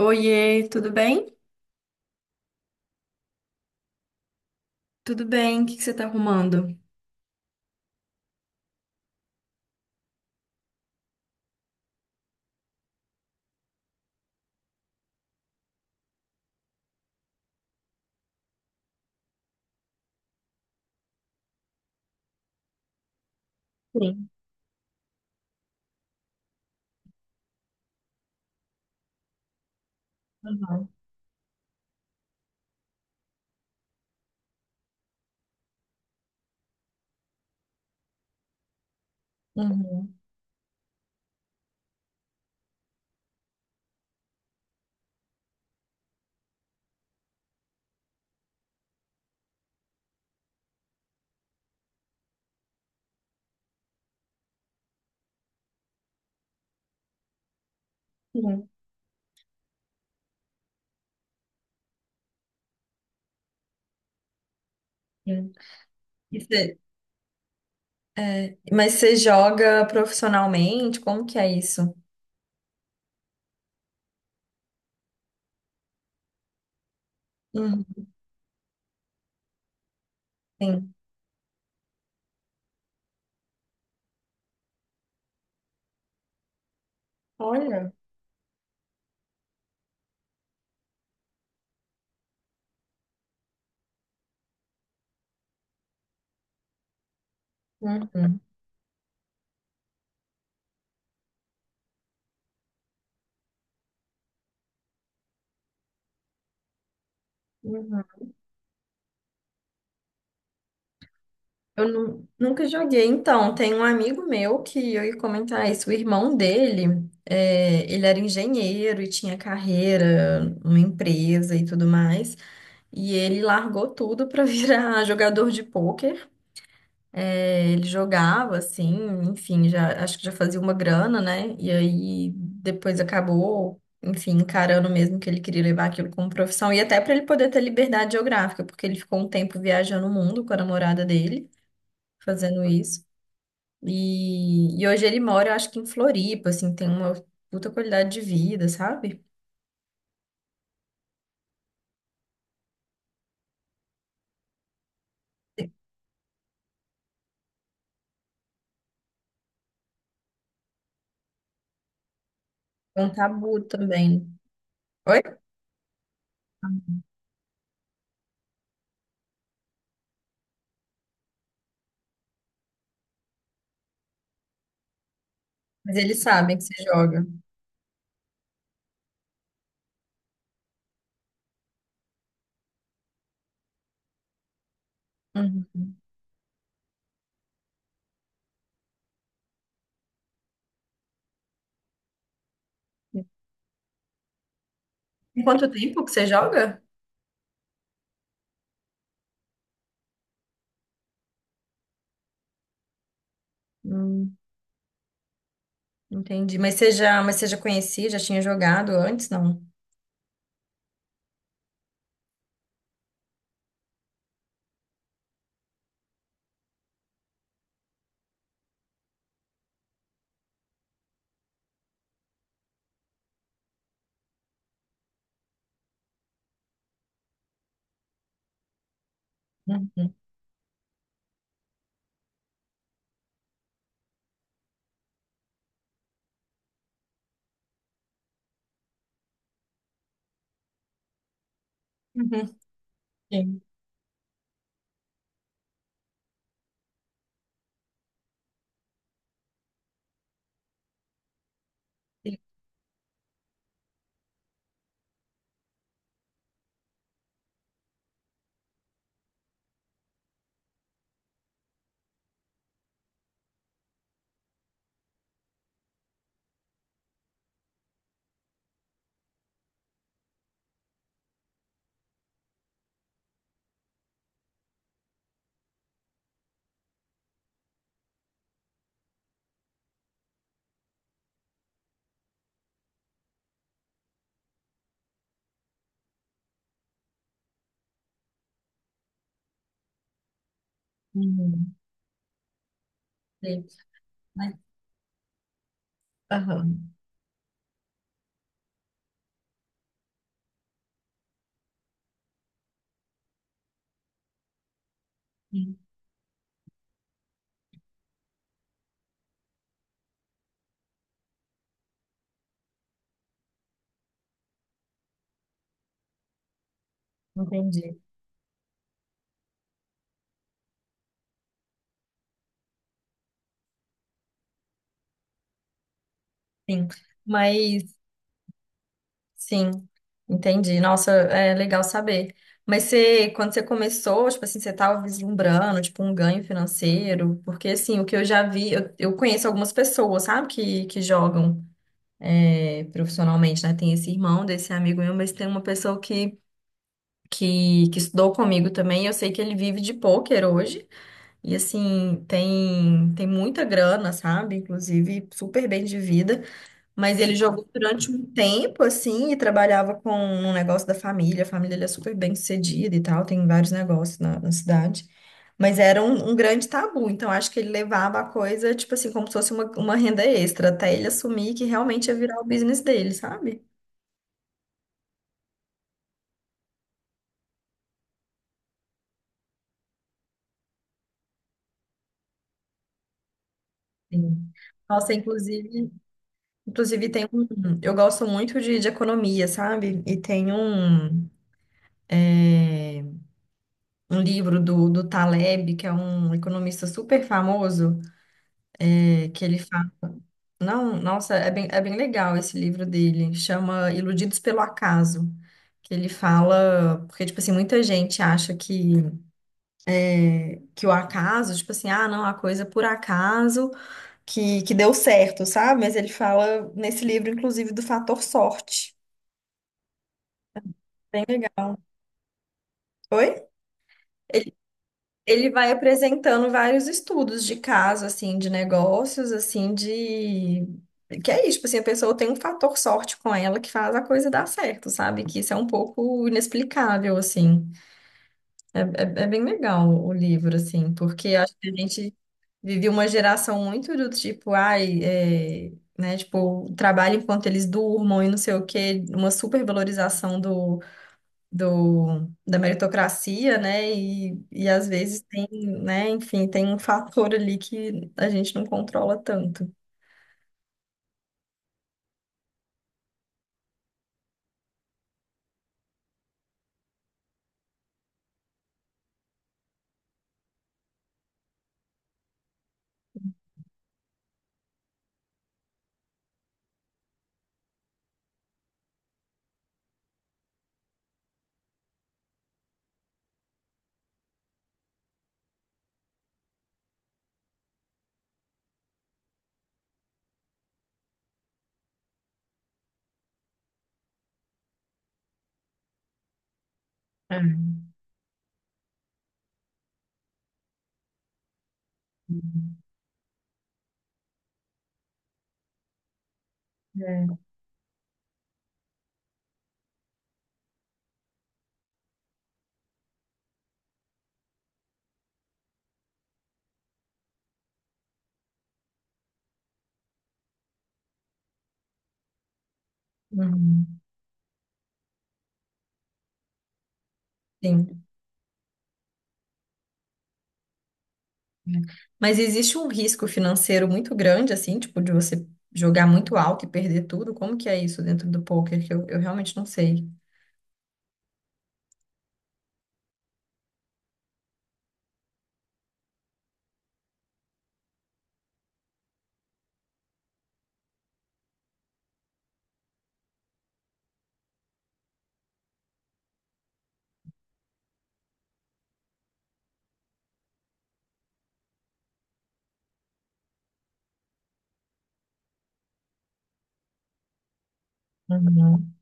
Oiê, tudo bem? Tudo bem, o que que você tá arrumando? Uhum, uhum, uhum, uhum. E cê- mas você joga profissionalmente? Como que é isso? Uhum, sim. Olha. Uhum, uhum. Nunca joguei. Então, tem um amigo meu que eu ia comentar isso. O irmão dele, ele era engenheiro e tinha carreira, uma empresa e tudo mais. E ele largou tudo para virar jogador de pôquer. É, ele jogava, assim, enfim, já, acho que já fazia uma grana, né? E aí depois acabou, enfim, encarando mesmo que ele queria levar aquilo como profissão. E até para ele poder ter liberdade geográfica, porque ele ficou um tempo viajando o mundo com a namorada dele, fazendo isso. E hoje ele mora, acho que em Floripa, assim, tem uma puta qualidade de vida, sabe? É um tabu também. Oi? Mas eles sabem que você joga. Uhum. Em quanto tempo que você joga? Hum. Entendi. Mas você já conhecia, já tinha jogado antes, não? Uhum. Uhum. Sim. Sim. Uhum. Sim. Mas- Aham. Sim. Entendi. Sim. Mas, sim, entendi. Nossa, é legal saber. Mas você, quando você começou, tipo assim, você estava vislumbrando, tipo, um ganho financeiro? Porque, assim, o que eu já vi, eu conheço algumas pessoas, sabe, que jogam profissionalmente, né? Tem esse irmão desse amigo meu, mas tem uma pessoa que estudou comigo também. Eu sei que ele vive de pôquer hoje. E assim, tem muita grana, sabe? Inclusive, super bem de vida. Mas ele jogou durante um tempo, assim, e trabalhava com um negócio da família. A família dele é super bem sucedida e tal, tem vários negócios na cidade. Mas era um grande tabu, então acho que ele levava a coisa, tipo assim, como se fosse uma renda extra, até ele assumir que realmente ia virar o business dele, sabe? Sim. Nossa, inclusive, Inclusive, tem um. Eu gosto muito de economia, sabe? E tem é, um livro do Taleb, que é um economista super famoso, que ele fala. Não, nossa, é bem legal esse livro dele. Chama Iludidos pelo Acaso. Que ele fala. Porque, tipo assim, muita gente acha que o acaso, tipo assim, ah, não, a coisa é por acaso que deu certo, sabe? Mas ele fala nesse livro, inclusive, do fator sorte. Bem legal. Oi? Ele vai apresentando vários estudos de caso, assim, de negócios, assim, de... Que é isso, tipo assim, a pessoa tem um fator sorte com ela que faz a coisa dar certo, sabe? Que isso é um pouco inexplicável, assim. É bem legal o livro, assim, porque acho que a gente vive uma geração muito do tipo, ai, é, né? Tipo, trabalha enquanto eles durmam e não sei o quê, uma supervalorização da meritocracia, né? E às vezes tem, né? Enfim, tem um fator ali que a gente não controla tanto. É. É. Uhum. Sim. Mas existe um risco financeiro muito grande, assim, tipo, de você jogar muito alto e perder tudo. Como que é isso dentro do poker? Que eu realmente não sei. Uhum.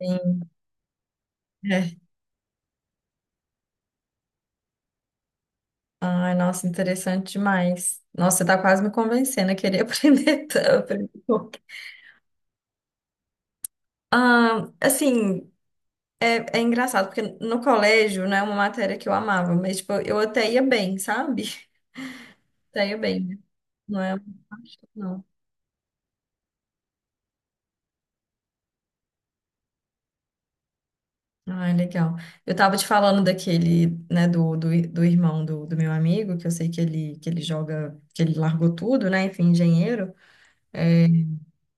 Sim. É. Ai, nossa, interessante demais. Nossa, você tá quase me convencendo a querer aprender, aprender poker. Ah, assim, é, é engraçado, porque no colégio não é uma matéria que eu amava, mas tipo, eu até ia bem, sabe? Até ia bem, né? Não é uma paixão, não. Ah, legal. Eu tava te falando daquele, né, do irmão do meu amigo, que eu sei que ele joga, que ele largou tudo, né, enfim, engenheiro.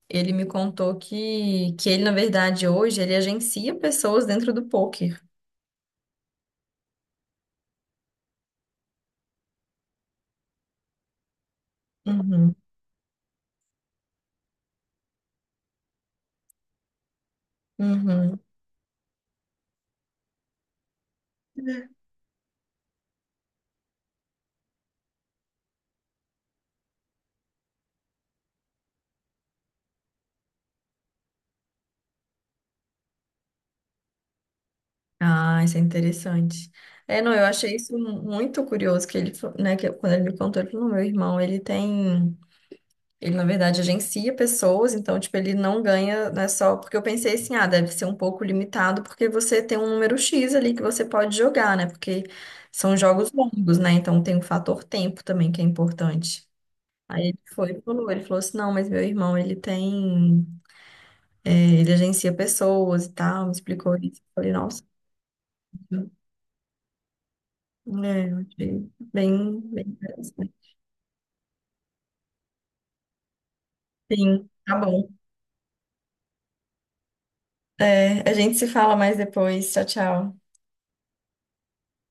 Ele me contou que ele, na verdade, hoje, ele agencia pessoas dentro do poker. Uhum, uhum. Ah, isso é interessante. É, não, eu achei isso muito curioso que ele, fa- né, quando ele me contou, ele falou, "Não, meu irmão, ele tem, ele na verdade agencia pessoas, então tipo, ele não ganha, não é só, porque eu pensei assim, ah, deve ser um pouco limitado, porque você tem um número X ali que você pode jogar, né? Porque são jogos longos, né? Então tem o fator tempo também que é importante. Aí ele foi e falou, ele falou assim, não, mas meu irmão, ele tem, é, ele agencia pessoas e tal, me explicou isso. Eu falei, nossa. É, eu achei bem, bem interessante. Sim, tá bom. É, a gente se fala mais depois. Tchau, tchau.